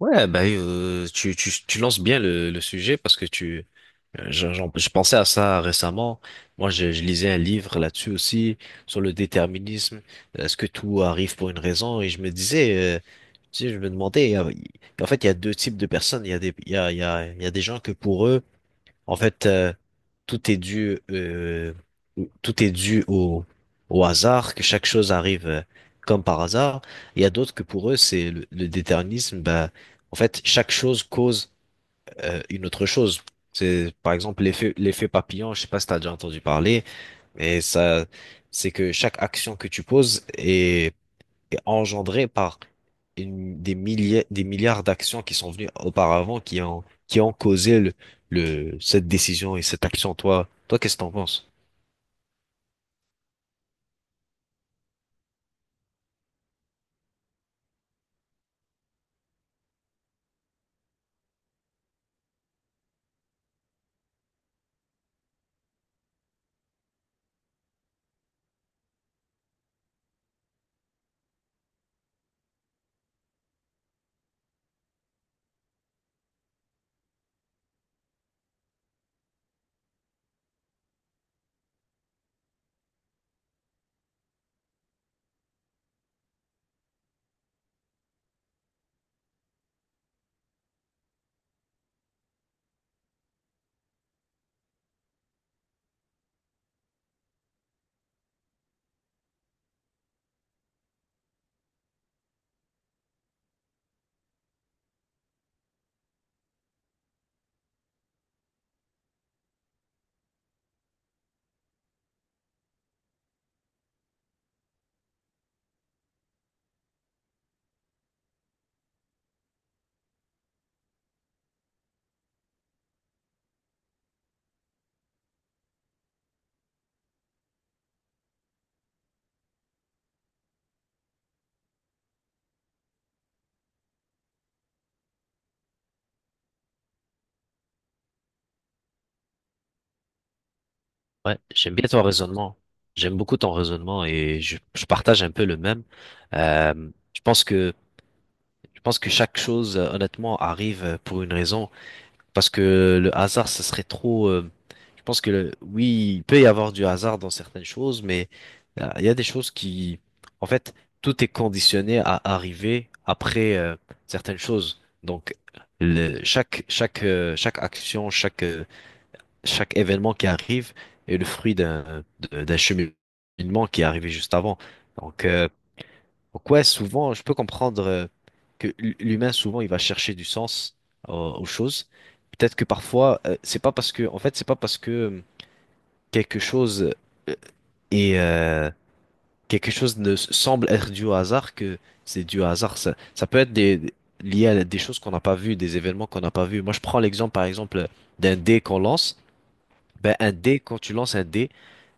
Ouais, bah, tu lances bien le sujet parce que je pensais à ça récemment. Moi, je lisais un livre là-dessus aussi, sur le déterminisme. Est-ce que tout arrive pour une raison? Et je me disais, tu sais, je me demandais, en fait, il y a deux types de personnes. Il y a des, il y a, il y a, il y a des gens que pour eux, en fait, tout est dû, euh, tout est dû au, au hasard, que chaque chose arrive comme par hasard. Il y a d'autres que pour eux, c'est le déterminisme. Bah, en fait, chaque chose cause une autre chose. C'est par exemple l'effet papillon. Je sais pas si t'as déjà entendu parler, mais ça, c'est que chaque action que tu poses est engendré par des milliers, des milliards d'actions qui sont venues auparavant, qui ont causé cette décision et cette action. Toi, toi, qu'est-ce que t'en penses? Ouais, j'aime bien ton raisonnement. J'aime beaucoup ton raisonnement et je partage un peu le même. Je pense que je pense que chaque chose, honnêtement, arrive pour une raison. Parce que le hasard, ce serait trop. Je pense que oui, il peut y avoir du hasard dans certaines choses, mais il y a des choses qui, en fait, tout est conditionné à arriver après certaines choses. Donc, chaque action, chaque événement qui arrive est le fruit d'un cheminement qui est arrivé juste avant. Donc, euh, donc ouais, souvent, je peux comprendre que l'humain souvent il va chercher du sens aux, aux choses. Peut-être que parfois, c'est pas parce que, en fait, c'est pas parce que quelque chose euh, et euh, quelque chose ne s- semble être dû au hasard que c'est dû au hasard. Ça peut lié à des choses qu'on n'a pas vues, des événements qu'on n'a pas vus. Moi, je prends l'exemple, par exemple, d'un dé qu'on lance. Ben, un dé, quand tu lances un dé,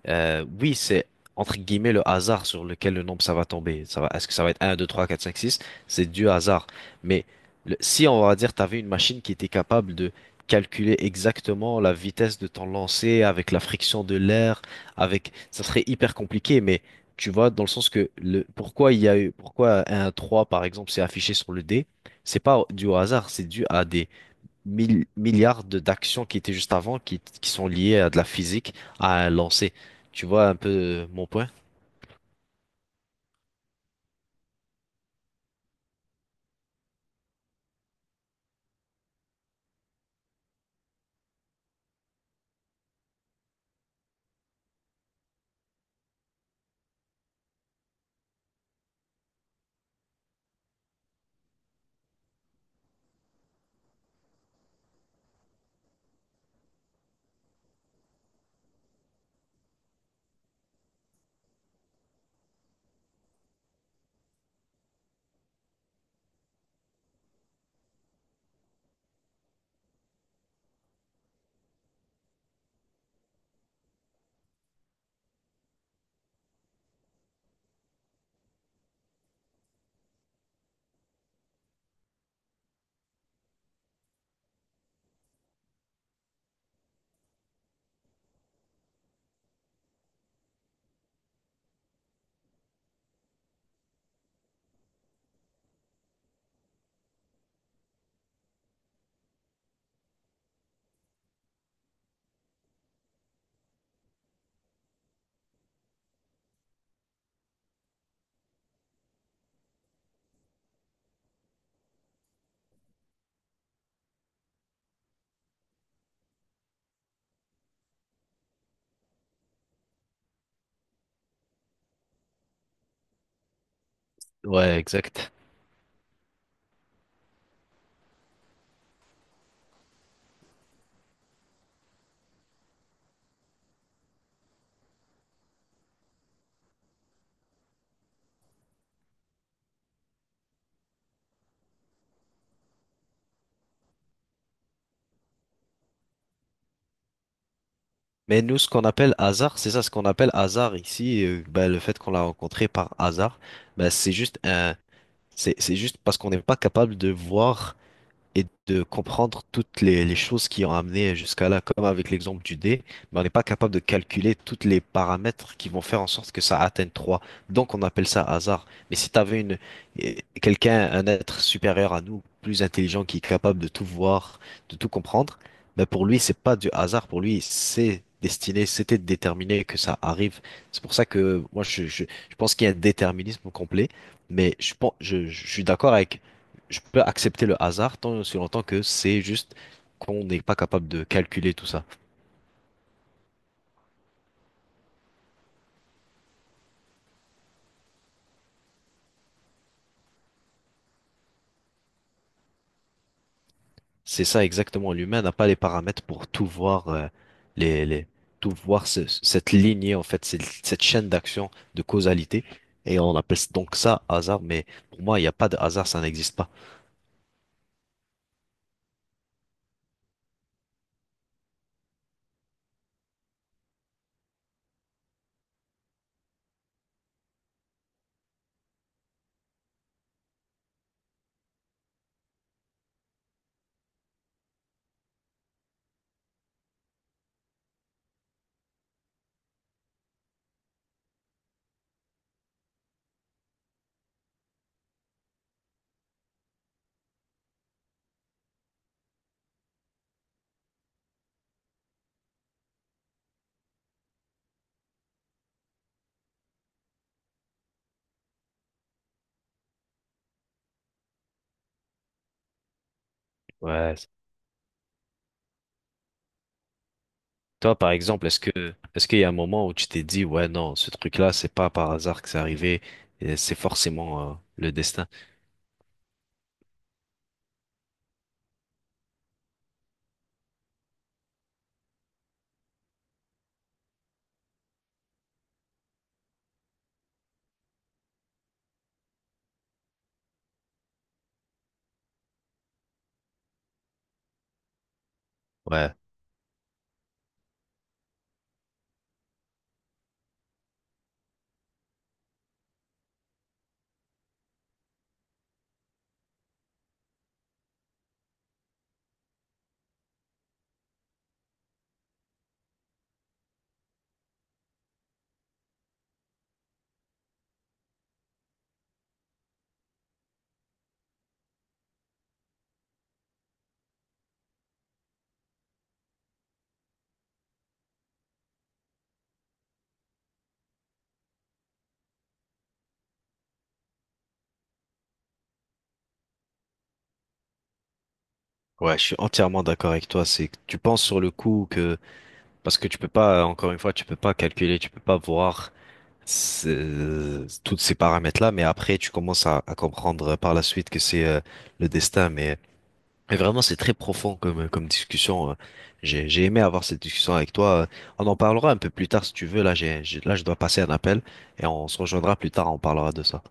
oui, c'est entre guillemets le hasard sur lequel le nombre ça va tomber. Ça va, est-ce que ça va être un, 2, 3, 4, 5, six? C'est du hasard. Mais si on va dire, tu avais une machine qui était capable de calculer exactement la vitesse de ton lancer avec la friction de l'air, avec, ça serait hyper compliqué, mais tu vois, dans le sens que le, pourquoi il y a eu, pourquoi un 3 par exemple c'est affiché sur le dé, c'est pas dû au hasard, c'est dû à des milliards d'actions qui étaient juste avant, qui sont liées à de la physique, à un lancer. Tu vois un peu mon point? Ouais, exact. Mais nous, ce qu'on appelle hasard, c'est ça, ce qu'on appelle hasard ici, ben, le fait qu'on l'a rencontré par hasard, ben, c'est juste parce qu'on n'est pas capable de voir et de comprendre toutes les choses qui ont amené jusqu'à là, comme avec l'exemple du dé, mais on n'est pas capable de calculer toutes les paramètres qui vont faire en sorte que ça atteigne 3. Donc on appelle ça hasard. Mais si tu avais quelqu'un, un être supérieur à nous, plus intelligent, qui est capable de tout voir, de tout comprendre, ben pour lui, c'est pas du hasard, pour lui, c'est destiné, c'était déterminé que ça arrive. C'est pour ça que je pense qu'il y a un déterminisme complet, mais je suis d'accord avec je peux accepter le hasard tant et aussi longtemps que c'est juste qu'on n'est pas capable de calculer tout ça. C'est ça exactement. L'humain n'a pas les paramètres pour tout voir, les, les- tout voir cette lignée, en fait, cette chaîne d'action de causalité. Et on appelle donc ça hasard, mais pour moi, il n'y a pas de hasard, ça n'existe pas. Ouais. Toi, par exemple, est-ce qu'il y a un moment où tu t'es dit, ouais, non, ce truc-là, c'est pas par hasard que c'est arrivé, et c'est forcément le destin. Ouais, ouais, je suis entièrement d'accord avec toi. C'est que tu penses sur le coup que parce que tu peux pas, encore une fois, tu peux pas calculer, tu peux pas voir tous ces paramètres-là, mais après, tu commences à comprendre par la suite que c'est le destin. Mais vraiment, c'est très profond comme, comme discussion. J'ai aimé avoir cette discussion avec toi. On en parlera un peu plus tard si tu veux. Là, je dois passer un appel et on se rejoindra plus tard. On parlera de ça.